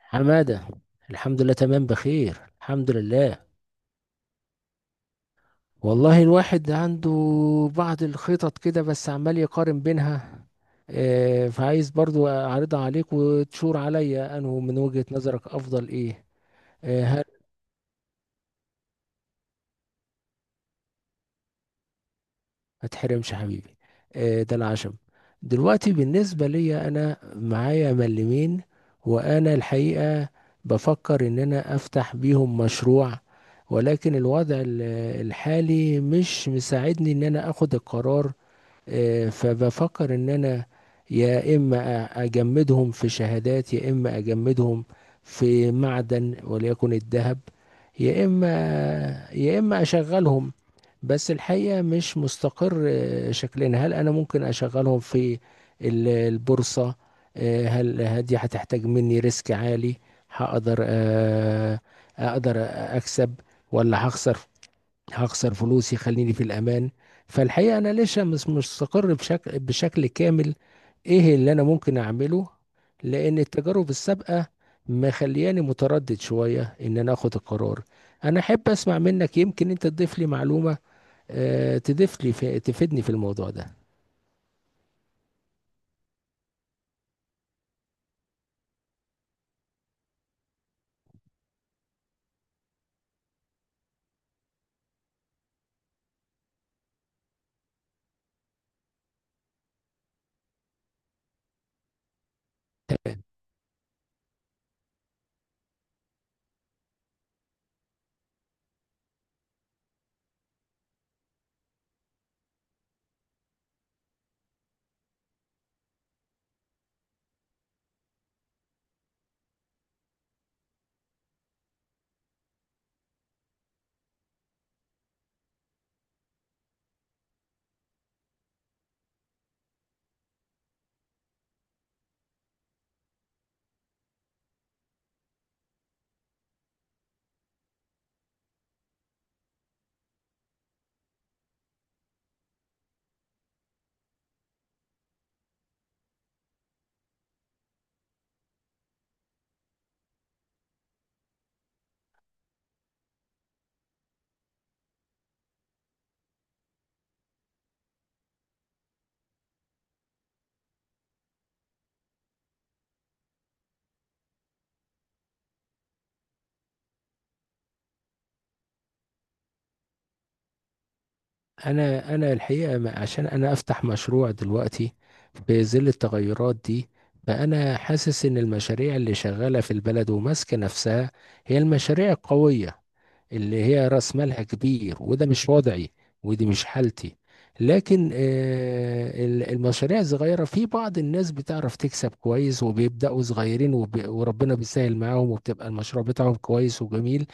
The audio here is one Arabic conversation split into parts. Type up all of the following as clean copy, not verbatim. حمادة. الحمد لله، تمام، بخير، الحمد لله. والله الواحد عنده بعض الخطط كده، بس عمال يقارن بينها. فعايز برضو أعرضها عليك وتشور عليا أنه من وجهة نظرك أفضل إيه. آه، ما تحرمش حبيبي. ده العشم. دلوقتي بالنسبة لي أنا معايا ملمين، وأنا الحقيقة بفكر إن أنا أفتح بيهم مشروع، ولكن الوضع الحالي مش مساعدني إن أنا أخد القرار. فبفكر ان انا يا اما اجمدهم في شهادات، يا اما اجمدهم في معدن وليكن الذهب، يا اما يا اما اشغلهم. بس الحقيقة مش مستقر، شكلنا. هل انا ممكن اشغلهم في البورصة؟ هل هدي هتحتاج مني ريسك عالي؟ هقدر، اقدر اكسب ولا هخسر؟ هخسر فلوسي، خليني في الأمان. فالحقيقة أنا لسه مش مستقر بشكل كامل. إيه اللي أنا ممكن أعمله؟ لأن التجارب السابقة مخلياني متردد شوية إن أنا أخد القرار. أنا أحب أسمع منك، يمكن أنت تضيف لي معلومة، آه، تضيف لي في تفيدني في الموضوع ده. انا الحقيقه، عشان انا افتح مشروع دلوقتي في ظل التغيرات دي، فانا حاسس ان المشاريع اللي شغاله في البلد وماسكه نفسها هي المشاريع القويه، اللي هي راس مالها كبير، وده مش وضعي ودي مش حالتي. لكن المشاريع الصغيره، في بعض الناس بتعرف تكسب كويس، وبيبداوا صغيرين، وربنا بيسهل معاهم، وبتبقى المشروع بتاعهم كويس وجميل.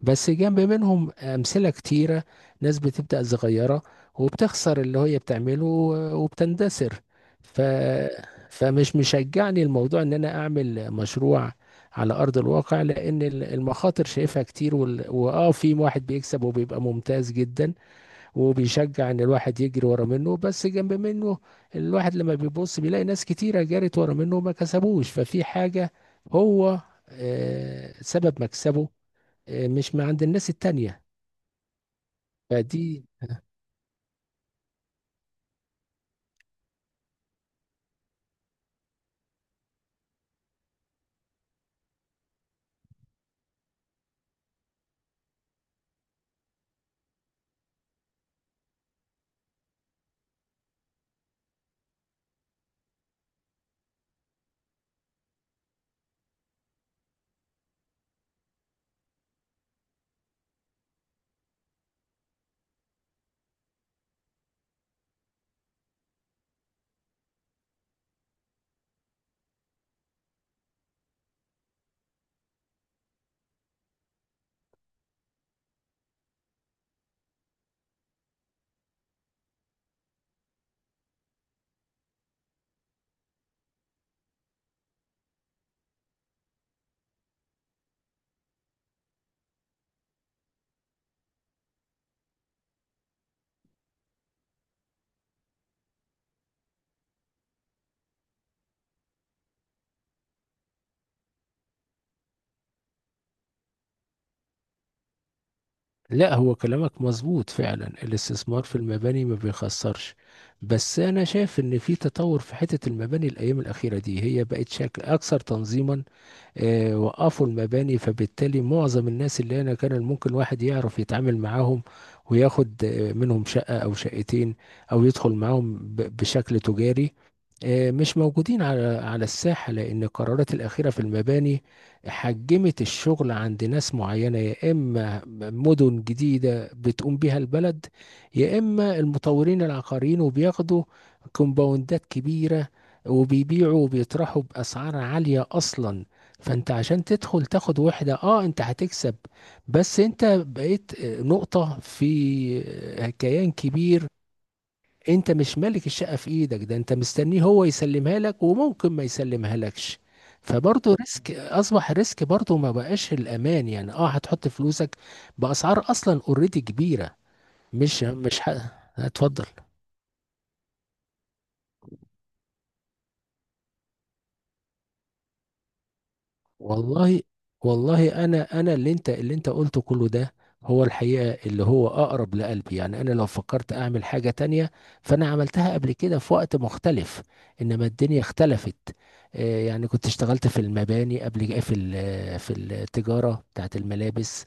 بس جنب منهم امثله كتيره، ناس بتبدأ صغيرة وبتخسر اللي هي بتعمله وبتندثر. ف... فمش مشجعني الموضوع ان انا اعمل مشروع على ارض الواقع، لان المخاطر شايفها كتير، وال... واه في واحد بيكسب وبيبقى ممتاز جدا، وبيشجع ان الواحد يجري ورا منه، بس جنب منه الواحد لما بيبص بيلاقي ناس كتيرة جرت ورا منه وما كسبوش. ففي حاجة هو سبب مكسبه، مش مع عند الناس التانية. فدي. لا، هو كلامك مظبوط فعلا، الاستثمار في المباني ما بيخسرش. بس انا شايف ان في تطور في حتة المباني الايام الاخيرة دي، هي بقت شكل اكثر تنظيما. وقفوا المباني، فبالتالي معظم الناس اللي هنا كان ممكن واحد يعرف يتعامل معاهم وياخد منهم شقة أو شقتين، أو يدخل معاهم بشكل تجاري. مش موجودين على الساحة، لأن القرارات الأخيرة في المباني حجمت الشغل عند ناس معينة. يا إما مدن جديدة بتقوم بها البلد، يا إما المطورين العقاريين، وبياخدوا كومباوندات كبيرة وبيبيعوا وبيطرحوا بأسعار عالية أصلا. فانت عشان تدخل تاخد وحدة، اه، انت هتكسب، بس انت بقيت نقطة في كيان كبير. انت مش مالك الشقة في ايدك، ده انت مستنيه هو يسلمها لك، وممكن ما يسلمها لكش. فبرضه ريسك، اصبح ريسك برضه، ما بقاش الامان. يعني اه، هتحط فلوسك باسعار اصلا اوريدي كبيرة. مش هتفضل. والله والله انا اللي انت قلته كله ده، هو الحقيقة اللي هو اقرب لقلبي. يعني انا لو فكرت اعمل حاجة تانية، فانا عملتها قبل كده في وقت مختلف، انما الدنيا اختلفت. يعني كنت اشتغلت في المباني في التجارة بتاعت الملابس.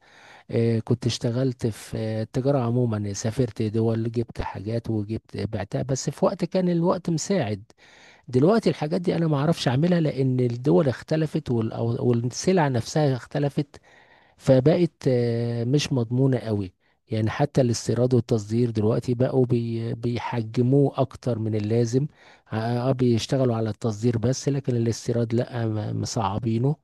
كنت اشتغلت في التجارة عموما، سافرت دول، جبت حاجات وجبت بعتها، بس في وقت كان الوقت مساعد. دلوقتي الحاجات دي انا ما اعرفش اعملها، لان الدول اختلفت، والسلع نفسها اختلفت، فبقت مش مضمونة قوي. يعني حتى الاستيراد والتصدير دلوقتي بقوا بيحجموه اكتر من اللازم. اه، بيشتغلوا على التصدير بس، لكن الاستيراد لا، مصعبينه.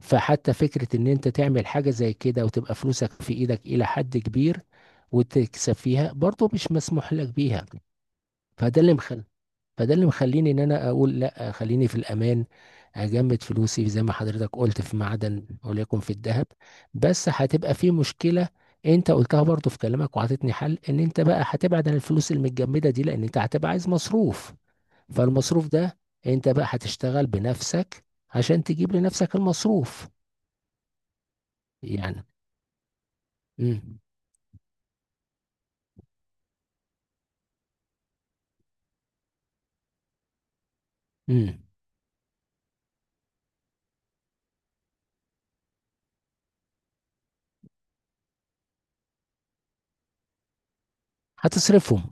فحتى فكرة ان انت تعمل حاجة زي كده وتبقى فلوسك في ايدك الى حد كبير وتكسب فيها، برضه مش مسموح لك بيها. فده اللي مخلي فده اللي مخليني ان انا اقول لا، خليني في الامان، اجمد فلوسي زي ما حضرتك قلت في معدن، وليكن في الذهب. بس هتبقى في مشكلة، انت قلتها برضو في كلامك، وعطيتني حل، ان انت بقى هتبعد عن الفلوس المتجمدة دي لان انت هتبقى عايز مصروف. فالمصروف ده، انت بقى هتشتغل بنفسك عشان تجيب لنفسك المصروف. يعني. امم. امم. هتصرفهم.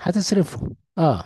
هتصرفهم اه.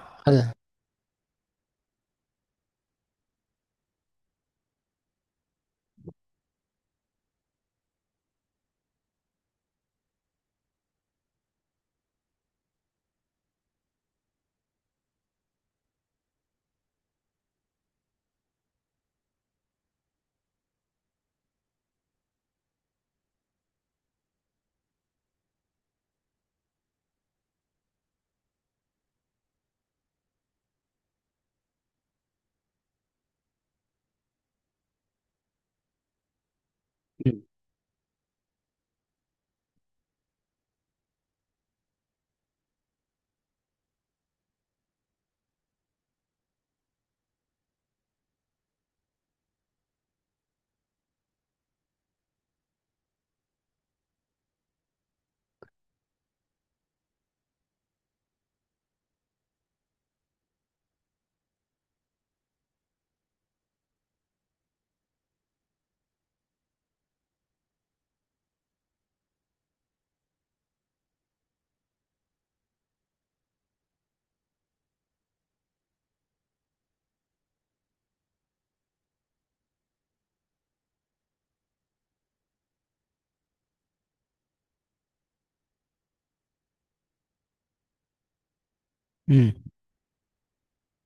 امم.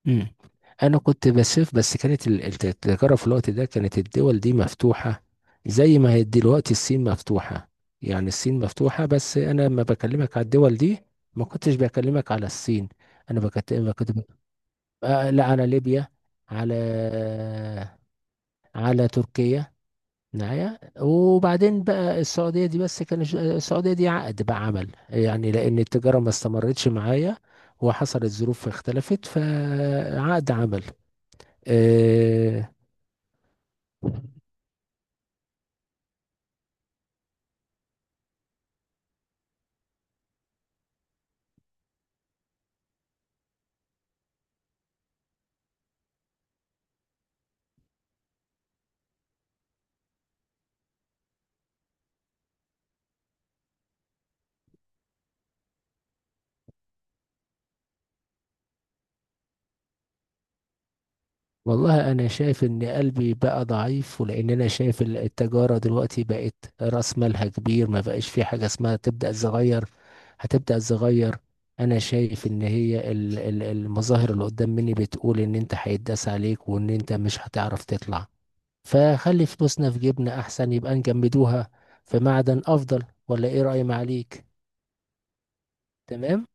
مم. انا كنت بسيف، بس كانت التجاره في الوقت ده، كانت الدول دي مفتوحه زي ما هي دلوقتي الصين مفتوحه. يعني الصين مفتوحه، بس انا لما بكلمك على الدول دي ما كنتش بكلمك على الصين. ما كنت ب... آه لا، على ليبيا، على على تركيا معايا. وبعدين بقى السعوديه دي، بس كان السعوديه دي عقد بقى عمل، يعني لان التجاره ما استمرتش معايا وحصلت ظروف اختلفت، فعقد عمل. أه. والله أنا شايف إن قلبي بقى ضعيف، ولأن أنا شايف التجارة دلوقتي بقت رأس مالها كبير، ما بقاش في حاجة اسمها تبدأ صغير. هتبدأ صغير. أنا شايف إن هي المظاهر اللي قدام مني بتقول إن أنت هيتداس عليك، وإن أنت مش هتعرف تطلع. فخلي فلوسنا في جيبنا أحسن، يبقى نجمدوها في معدن أفضل، ولا إيه رأي معاليك؟ تمام؟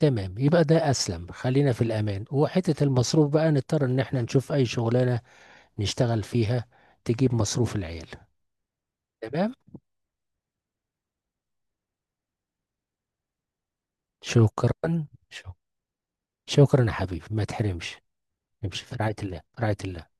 تمام. يبقى ده أسلم، خلينا في الأمان، وحتة المصروف بقى نضطر إن احنا نشوف أي شغلانة نشتغل فيها، تجيب مصروف العيال. تمام. شكرا شك- شكرا يا حبيبي، ما تحرمش. نمشي في رعاية الله، في رعاية الله.